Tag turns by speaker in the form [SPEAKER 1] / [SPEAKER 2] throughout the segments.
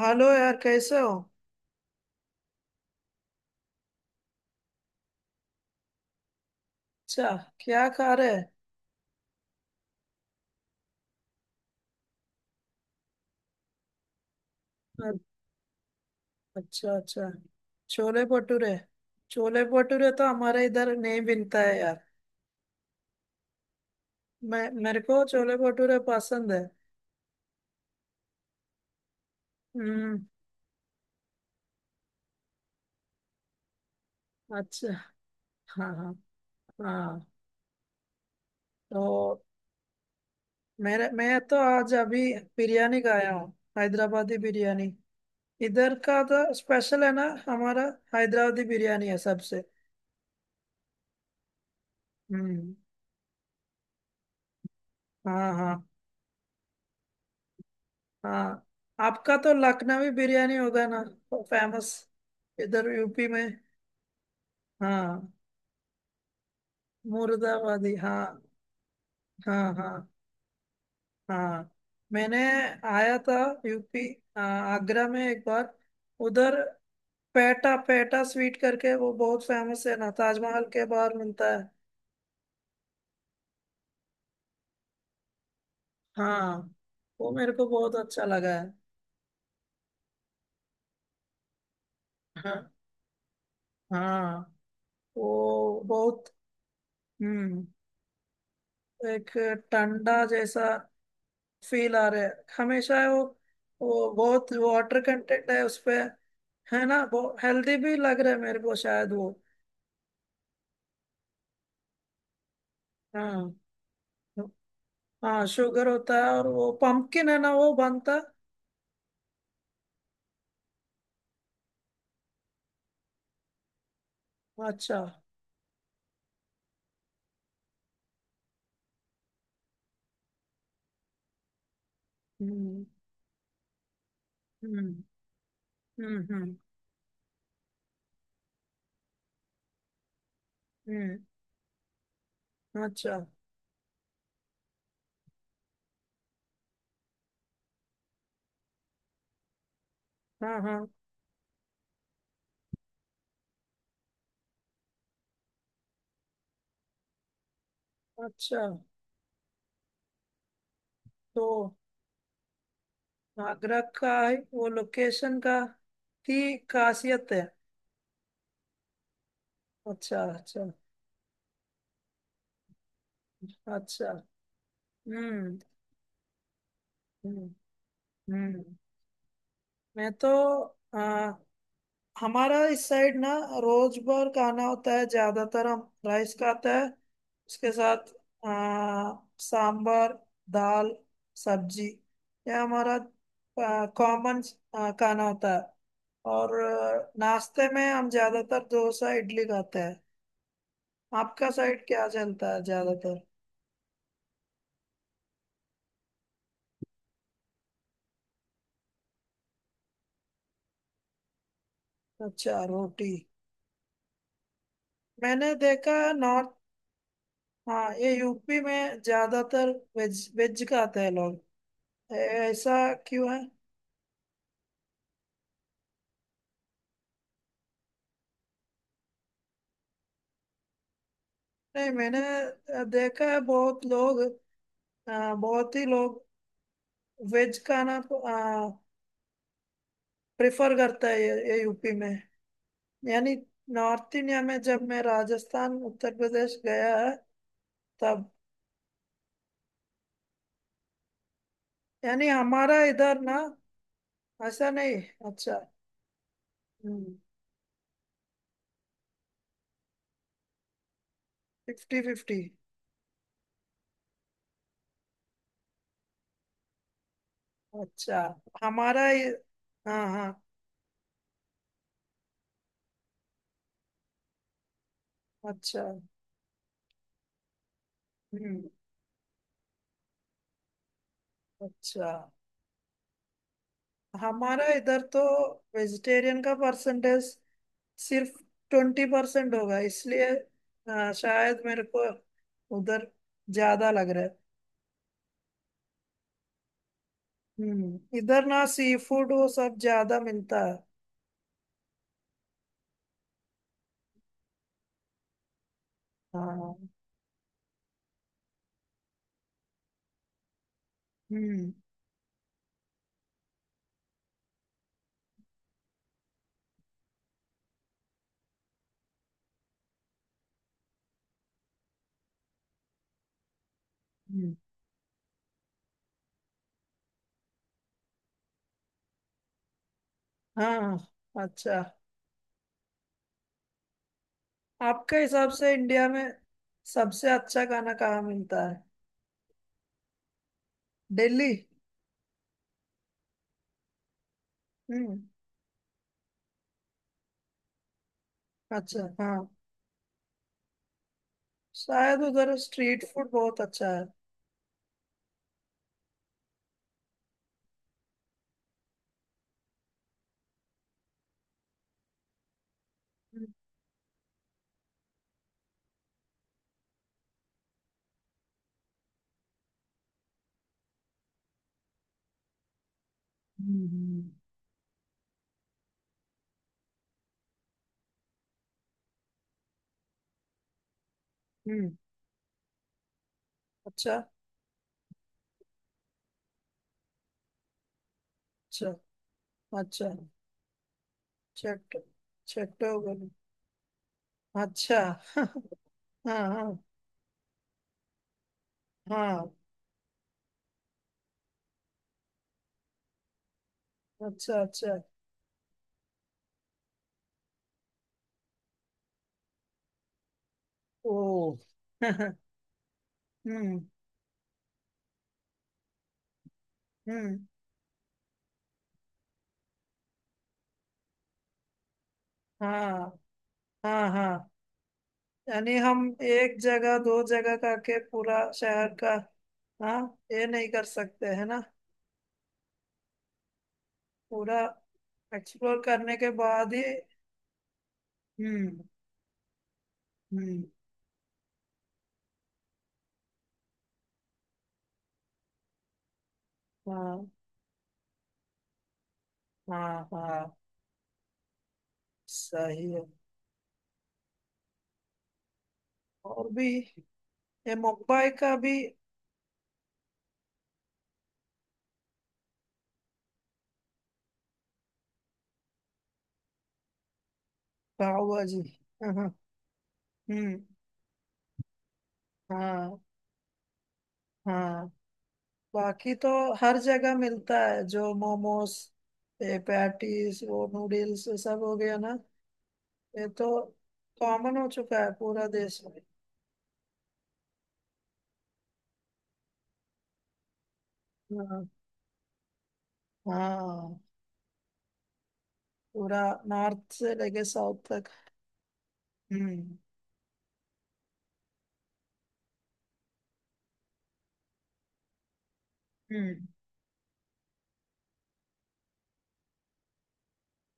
[SPEAKER 1] Hello यार, कैसे हो? अच्छा। क्या खा रहे हैं? अच्छा, अच्छा। छोले भटूरे। छोले भटूरे तो हमारे इधर नहीं बनता है यार। मैं मेरे को छोले भटूरे पसंद है। हम्म। अच्छा। हाँ, हाँ, हाँ। तो मेरे मैं तो आज अभी बिरयानी खाया हूँ। हैदराबादी बिरयानी। इधर का तो स्पेशल है ना। हमारा हैदराबादी बिरयानी है सबसे। हम्म। हाँ, हाँ, हाँ। आपका तो लखनवी बिरयानी होगा ना। फेमस। इधर यूपी में। हाँ। मुर्दाबादी हाँ। हाँ, हाँ, हाँ। मैंने आया था यूपी। आगरा में एक बार, उधर। पेटा पेटा स्वीट करके वो बहुत फेमस है ना, ताजमहल के बाहर मिलता है। हाँ। वो मेरे को बहुत अच्छा लगा है। हाँ, हाँ। वो बहुत। हम्म। एक टंडा जैसा फील आ रहे हैं हमेशा वो। वो बहुत वाटर कंटेंट है उसपे, है ना। वो हेल्दी भी लग रहा है मेरे को, शायद वो। हाँ। हाँ, शुगर होता है और वो पंपकिन है ना वो बनता है। अच्छा। हम्म। हम्म। हम्म। हम्म। अच्छा। हाँ, हाँ। अच्छा, तो आगरा का ही वो लोकेशन का की खासियत है। अच्छा, अच्छा। अच्छा। हम्म। हम्म। हम्म। मैं तो, हमारा इस साइड ना, रोज भर का खाना होता है ज्यादातर। हम राइस खाते हैं उसके साथ। आ, सांबर, दाल, सब्जी, यह हमारा कॉमन खाना होता है। और नाश्ते में हम ज्यादातर डोसा इडली खाते हैं। आपका साइड क्या चलता है ज्यादातर? अच्छा, रोटी। मैंने देखा है नॉर्थ। हाँ, ये यूपी में ज्यादातर वेज वेज खाते हैं लोग। ऐसा क्यों है? नहीं, मैंने देखा है बहुत लोग। बहुत ही लोग वेज खाना प्रेफर करता है ये यूपी में। यानी नॉर्थ इंडिया में जब मैं राजस्थान, उत्तर प्रदेश गया है, तब यानी हमारा इधर ना। ऐसा नहीं। अच्छा। Fifty fifty. अच्छा। हमारा ये। हाँ, हाँ। अच्छा। हम्म। अच्छा। हमारा इधर तो वेजिटेरियन का परसेंटेज सिर्फ 20% होगा, इसलिए शायद मेरे को उधर ज्यादा लग रहा है। इधर ना सी फूड वो सब ज्यादा मिलता है। हाँ। हम्म। हम्म, हाँ। अच्छा, आपके हिसाब से इंडिया में सबसे अच्छा खाना कहाँ मिलता है? दिल्ली। हम्म। अच्छा। हाँ। शायद उधर स्ट्रीट फूड बहुत अच्छा है। हम्म। हम्म। हम्म, हम्म, अच्छा, अच्छा। अच्छा। चट चट्टोगल। अच्छा। हाँ, हाँ, हाँ। अच्छा, अच्छा। ओ। हम्म। हम्म। हाँ, हाँ, हाँ। यानी हम एक जगह दो जगह करके पूरा शहर का। हाँ। ये नहीं कर सकते है ना? पूरा एक्सप्लोर करने के बाद ही। हम्म। हम्म। हाँ, हाँ, हाँ। सही है। और भी। ये मुंबई का भी। भाव है जी। हाँ, हम्म। हाँ, हाँ। बाकी तो हर जगह मिलता है जो मोमोस, ये पैटीज, वो नूडल्स, ये सब हो गया ना। ये तो कॉमन हो चुका है पूरा देश में। हाँ, हाँ, पूरा नॉर्थ से लेके साउथ तक। हम्म। हम्म।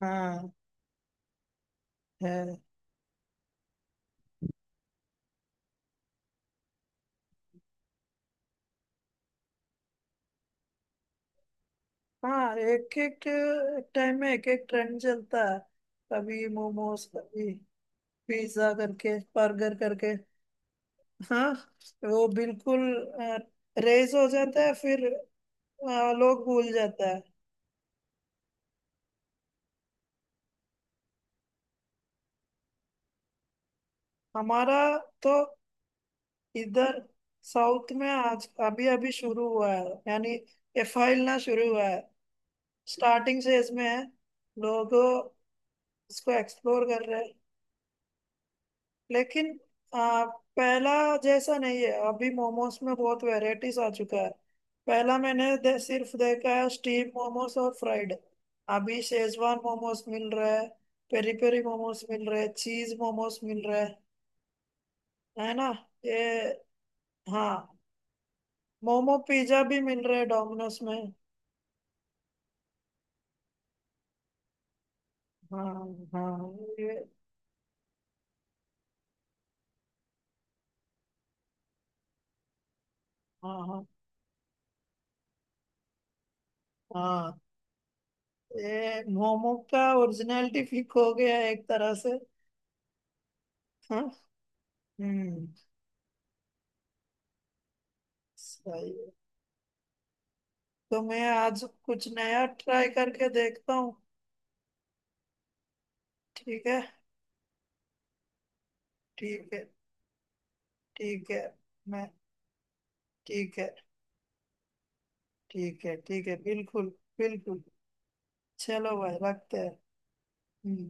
[SPEAKER 1] हाँ, है। हाँ, एक एक टाइम में एक एक ट्रेंड चलता है। कभी मोमोज, कभी पिज्जा करके, बर्गर करके। हाँ। वो बिल्कुल रेज हो जाता है फिर। हाँ, लोग भूल जाता है। हमारा तो इधर साउथ में आज अभी अभी शुरू हुआ है, यानी एफआई ना शुरू हुआ है। स्टार्टिंग फेज में है। लोग इसको एक्सप्लोर कर रहे हैं। लेकिन आ, पहला जैसा नहीं है, अभी मोमोज में बहुत वैरायटीज आ चुका है। पहला मैंने सिर्फ देखा है स्टीम मोमोज और फ्राइड। अभी शेजवान मोमोज मिल रहा है। पेरी पेरी मोमोज मिल रहे हैं, चीज मोमोज मिल रहे हैं, है ना। ये। हाँ। मोमो पिज्जा भी मिल रहे हैं डोमिनोज में। हाँ, हाँ। ये। हाँ, हाँ, हाँ। ये मोमो का ओरिजिनलिटी फीक हो गया है एक तरह से। हाँ। हम्म। सही है। तो मैं आज कुछ नया ट्राई करके देखता हूँ। ठीक है। ठीक है। ठीक है। मैं। ठीक है। ठीक है। ठीक है, बिल्कुल। बिल्कुल। चलो भाई, रखते हैं। हम्म।